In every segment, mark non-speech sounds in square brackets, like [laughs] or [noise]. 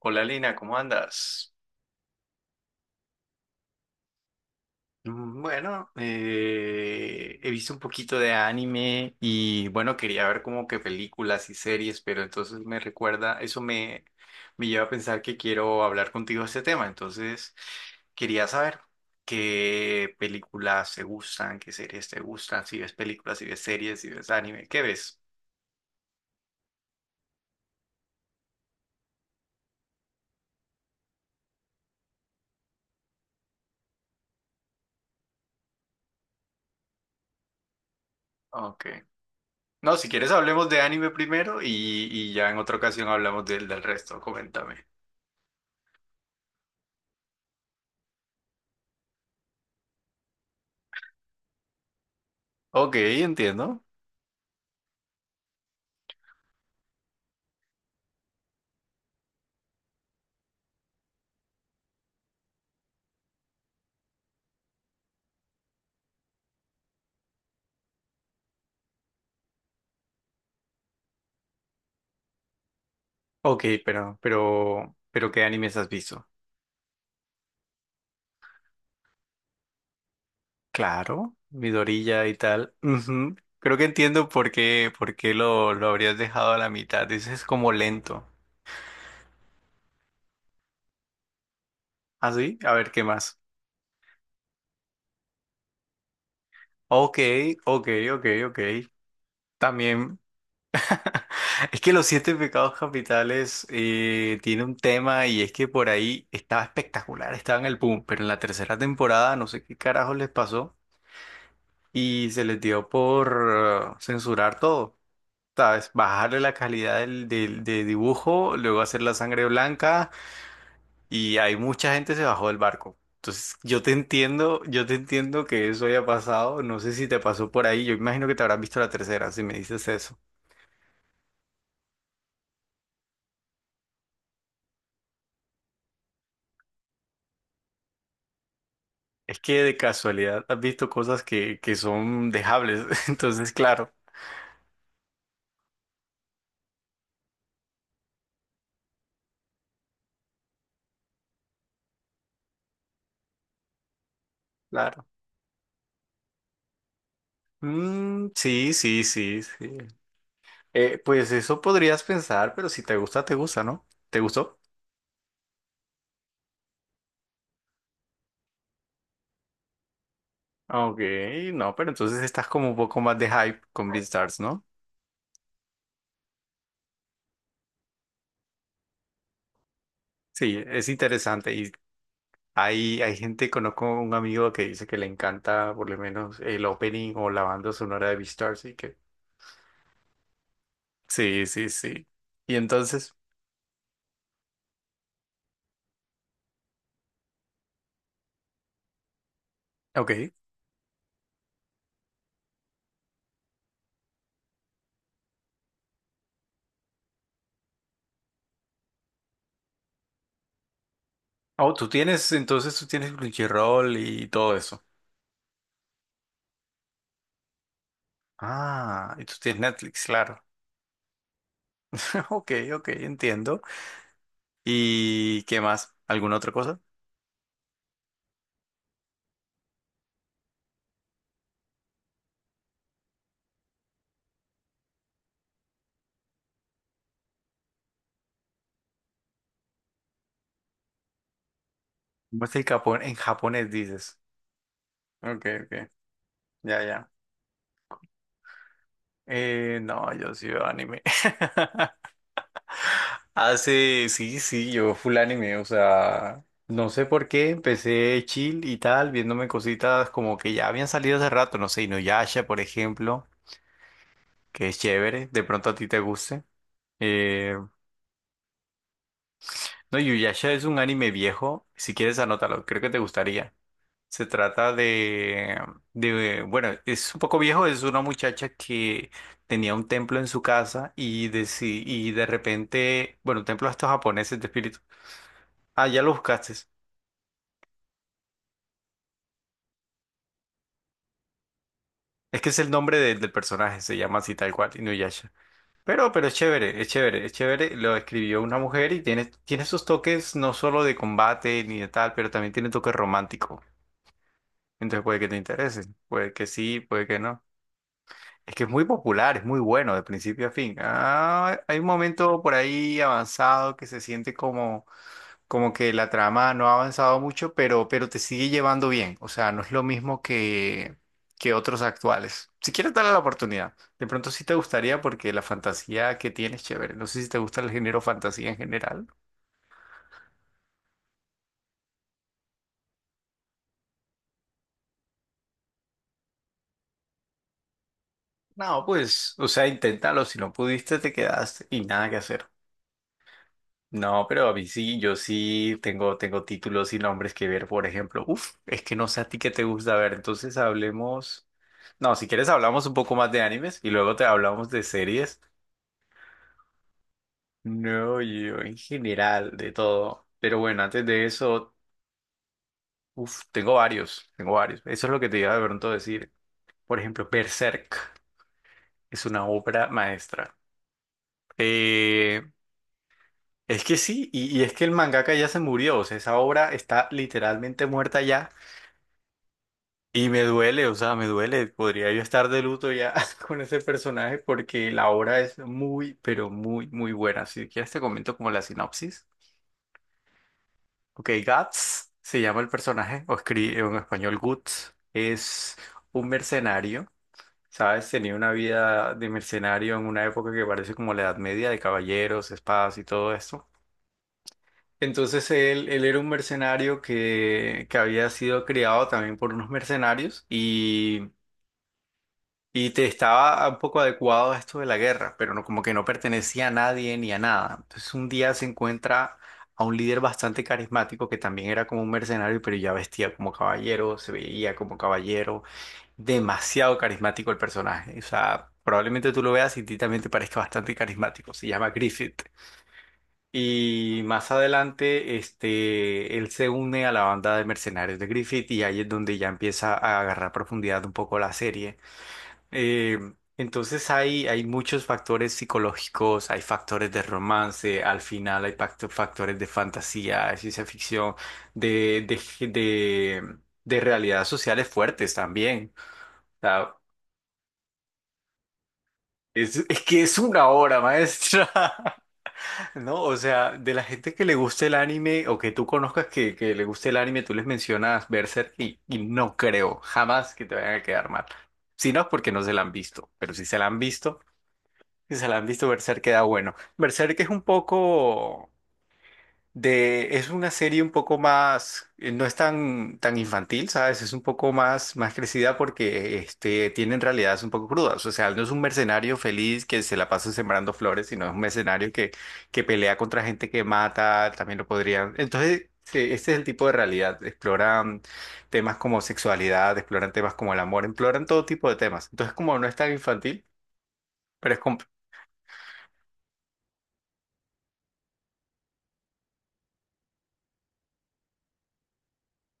Hola Lina, ¿cómo andas? Bueno, He visto un poquito de anime y bueno, quería ver como que películas y series, pero entonces me recuerda, me lleva a pensar que quiero hablar contigo de este tema, entonces quería saber qué películas te gustan, qué series te gustan, si ves películas, si ves series, si ves anime, ¿qué ves? Ok. No, si quieres hablemos de anime primero y ya en otra ocasión hablamos del resto, coméntame. Ok, entiendo. Ok, pero ¿qué animes has visto? Claro, Midorilla y tal. Ujú. Creo que entiendo por qué lo habrías dejado a la mitad. Dices como lento. ¿Ah, sí? A ver, ¿qué más? Ok, ok, ok, ok. También. [laughs] Es que los siete pecados capitales tiene un tema y es que por ahí estaba espectacular, estaba en el boom, pero en la tercera temporada no sé qué carajo les pasó y se les dio por censurar todo. ¿Sabes? Bajarle la calidad del, del- de dibujo, luego hacer la sangre blanca y hay mucha gente se bajó del barco. Entonces, yo te entiendo que eso haya pasado. No sé si te pasó por ahí. Yo imagino que te habrás visto la tercera, si me dices eso. Es que de casualidad has visto cosas que son dejables. [laughs] Entonces, claro, claro. Mm, sí, sí, sí, sí. Pues eso podrías pensar, pero si te gusta, te gusta, ¿no? ¿Te gustó? Ok, no, pero entonces estás como un poco más de hype con BeatStars, ¿no? Sí, es interesante. Y hay gente, conozco un amigo que dice que le encanta por lo menos el opening o la banda sonora de BeatSars y que... Sí, sí, sí. Y entonces, ok. Oh, tú tienes, entonces tú tienes Crunchyroll y todo eso. Ah, y tú tienes Netflix, claro. [laughs] Ok, ok, entiendo. ¿Y qué más? ¿Alguna otra cosa? ¿Cómo está el Japón? En japonés dices. Ok, ok. Ya, ya. No, yo sí veo anime. [laughs] Hace, sí, sí, yo full anime, o sea, no sé por qué, empecé chill y tal, viéndome cositas como que ya habían salido hace rato, no sé, Inuyasha, por ejemplo, que es chévere, de pronto a ti te guste. Eh, no, Inuyasha es un anime viejo, si quieres anótalo, creo que te gustaría. Se trata bueno, es un poco viejo, es una muchacha que tenía un templo en su casa y de, si, y de repente, bueno, un templo de estos japoneses de espíritu. Ah, ya lo buscaste. Es que es el nombre del personaje, se llama así tal cual, Inuyasha. Pero es chévere, es chévere, es chévere. Lo escribió una mujer y tiene, tiene esos toques no solo de combate ni de tal, pero también tiene toques romántico. Entonces puede que te interese, puede que sí, puede que no. Es que es muy popular, es muy bueno de principio a fin. Ah, hay un momento por ahí avanzado que se siente como, como que la trama no ha avanzado mucho, pero te sigue llevando bien. O sea, no es lo mismo que otros actuales. Si quieres darle la oportunidad, de pronto sí te gustaría porque la fantasía que tienes, chévere. No sé si te gusta el género fantasía en general. No, pues, o sea, inténtalo. Si no pudiste, te quedaste y nada que hacer. No, pero a mí sí, yo sí tengo, tengo títulos y nombres que ver, por ejemplo. Uf, es que no sé a ti qué te gusta ver, entonces hablemos. No, si quieres hablamos un poco más de animes y luego te hablamos de series. No, yo en general, de todo. Pero bueno, antes de eso, uf, tengo varios, tengo varios. Eso es lo que te iba de pronto a decir. Por ejemplo, Berserk es una obra maestra. Eh, es que sí, y es que el mangaka ya se murió, o sea, esa obra está literalmente muerta ya. Y me duele, o sea, me duele. Podría yo estar de luto ya [laughs] con ese personaje porque la obra es muy, pero muy, muy buena. Si quieres te comento como la sinopsis. Ok, Guts se llama el personaje, o escribe en español Guts. Es un mercenario, ¿sabes? Tenía una vida de mercenario en una época que parece como la Edad Media, de caballeros, espadas y todo esto. Entonces él era un mercenario que había sido criado también por unos mercenarios y... Y te estaba un poco adecuado a esto de la guerra, pero no, como que no pertenecía a nadie ni a nada. Entonces un día se encuentra a un líder bastante carismático que también era como un mercenario, pero ya vestía como caballero, se veía como caballero. Demasiado carismático el personaje. O sea, probablemente tú lo veas y a ti también te parezca bastante carismático. Se llama Griffith. Y más adelante, este, él se une a la banda de mercenarios de Griffith y ahí es donde ya empieza a agarrar profundidad un poco la serie. Eh, entonces hay muchos factores psicológicos, hay factores de romance, al final hay factores de fantasía, de ciencia ficción, de, de, de, de realidades sociales fuertes también. O sea, es que es una obra maestra, [laughs] ¿no? O sea, de la gente que le guste el anime o que tú conozcas que le guste el anime, tú les mencionas Berserk y no creo jamás que te vayan a quedar mal. Si no es porque no se la han visto, pero si se la han visto... Si se la han visto, Berserk queda bueno. Berserk es un poco es una serie un poco más, no es tan, tan infantil, ¿sabes? Es un poco más, más crecida porque este, tienen realidades un poco crudas. O sea, no es un mercenario feliz que se la pasa sembrando flores, sino es un mercenario que pelea contra gente que mata, también lo podrían. Entonces, sí, este es el tipo de realidad. Exploran temas como sexualidad, exploran temas como el amor, exploran todo tipo de temas. Entonces, como no es tan infantil, pero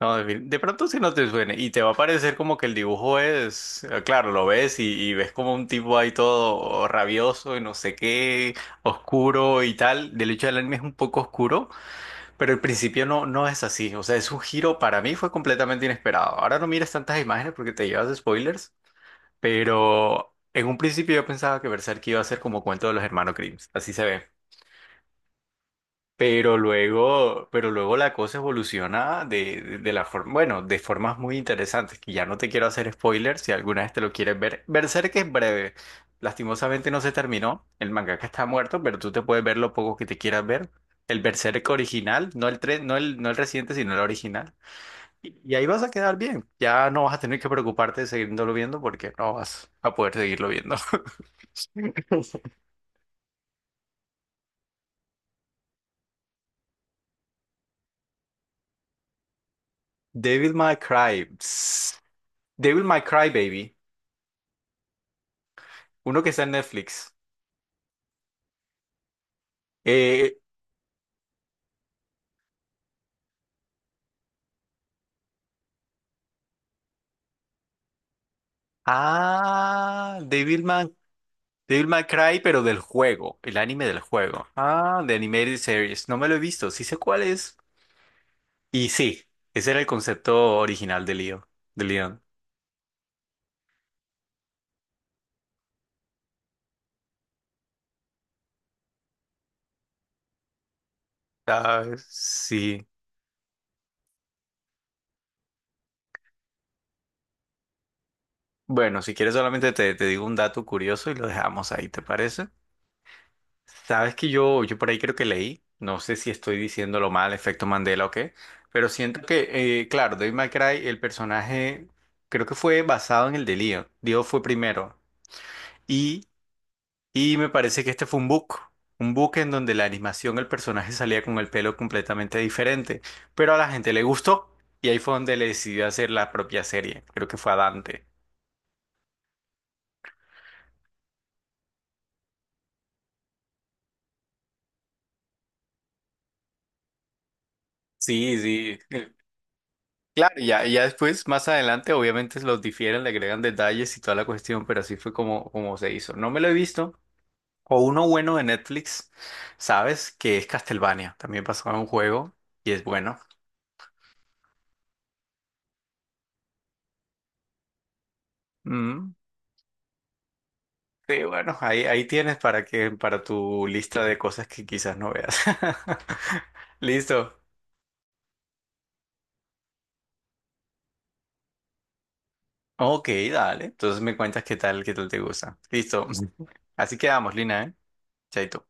No, de pronto si no te suene y te va a parecer como que el dibujo es, claro, lo ves y ves como un tipo ahí todo rabioso y no sé qué, oscuro y tal. Del hecho, el anime es un poco oscuro, pero el principio no, no es así. O sea, es un giro para mí fue completamente inesperado. Ahora no mires tantas imágenes porque te llevas spoilers, pero en un principio yo pensaba que Berserk iba a ser como cuento de los hermanos Grimm. Así se ve. Pero luego la cosa evoluciona de la forma, bueno, de formas muy interesantes, que ya no te quiero hacer spoilers si alguna vez te lo quieres ver. Berserk es breve. Lastimosamente no se terminó. El mangaka está muerto, pero tú te puedes ver lo poco que te quieras ver. El Berserk original, no el tres, no el reciente, sino el original. Y ahí vas a quedar bien. Ya no vas a tener que preocuparte de seguirlo viendo porque no vas a poder seguirlo viendo. [laughs] Devil May Cry. Psst. Devil May Cry, baby. Uno que está en Netflix. Eh, Devilman, Devil May Cry, pero del juego, el anime del juego. Ah, de Animated Series. No me lo he visto, sí sé cuál es. Y sí, ese era el concepto original de Leo, de Leon. Ah, sí. Bueno, si quieres solamente te, te digo un dato curioso y lo dejamos ahí, ¿te parece? Sabes que yo por ahí creo que leí, no sé si estoy diciéndolo mal, efecto Mandela o qué, pero siento que, claro, Devil May Cry, el personaje creo que fue basado en el de Leon. Dio fue primero. Y, y me parece que este fue un book en donde la animación, el personaje salía con el pelo completamente diferente, pero a la gente le gustó y ahí fue donde le decidió hacer la propia serie, creo que fue a Dante. Sí, sí, claro, y ya después, más adelante, obviamente los difieren, le agregan detalles y toda la cuestión, pero así fue como, como se hizo. No me lo he visto. O uno bueno de Netflix, ¿sabes? Que es Castlevania. También pasó a un juego y es bueno. Mm. Sí, bueno, ahí, ahí tienes para que, para tu lista de cosas que quizás no veas. [laughs] Listo. Ok, dale. Entonces me cuentas qué tal te gusta. Listo. Así quedamos, Lina, ¿eh? Chaito.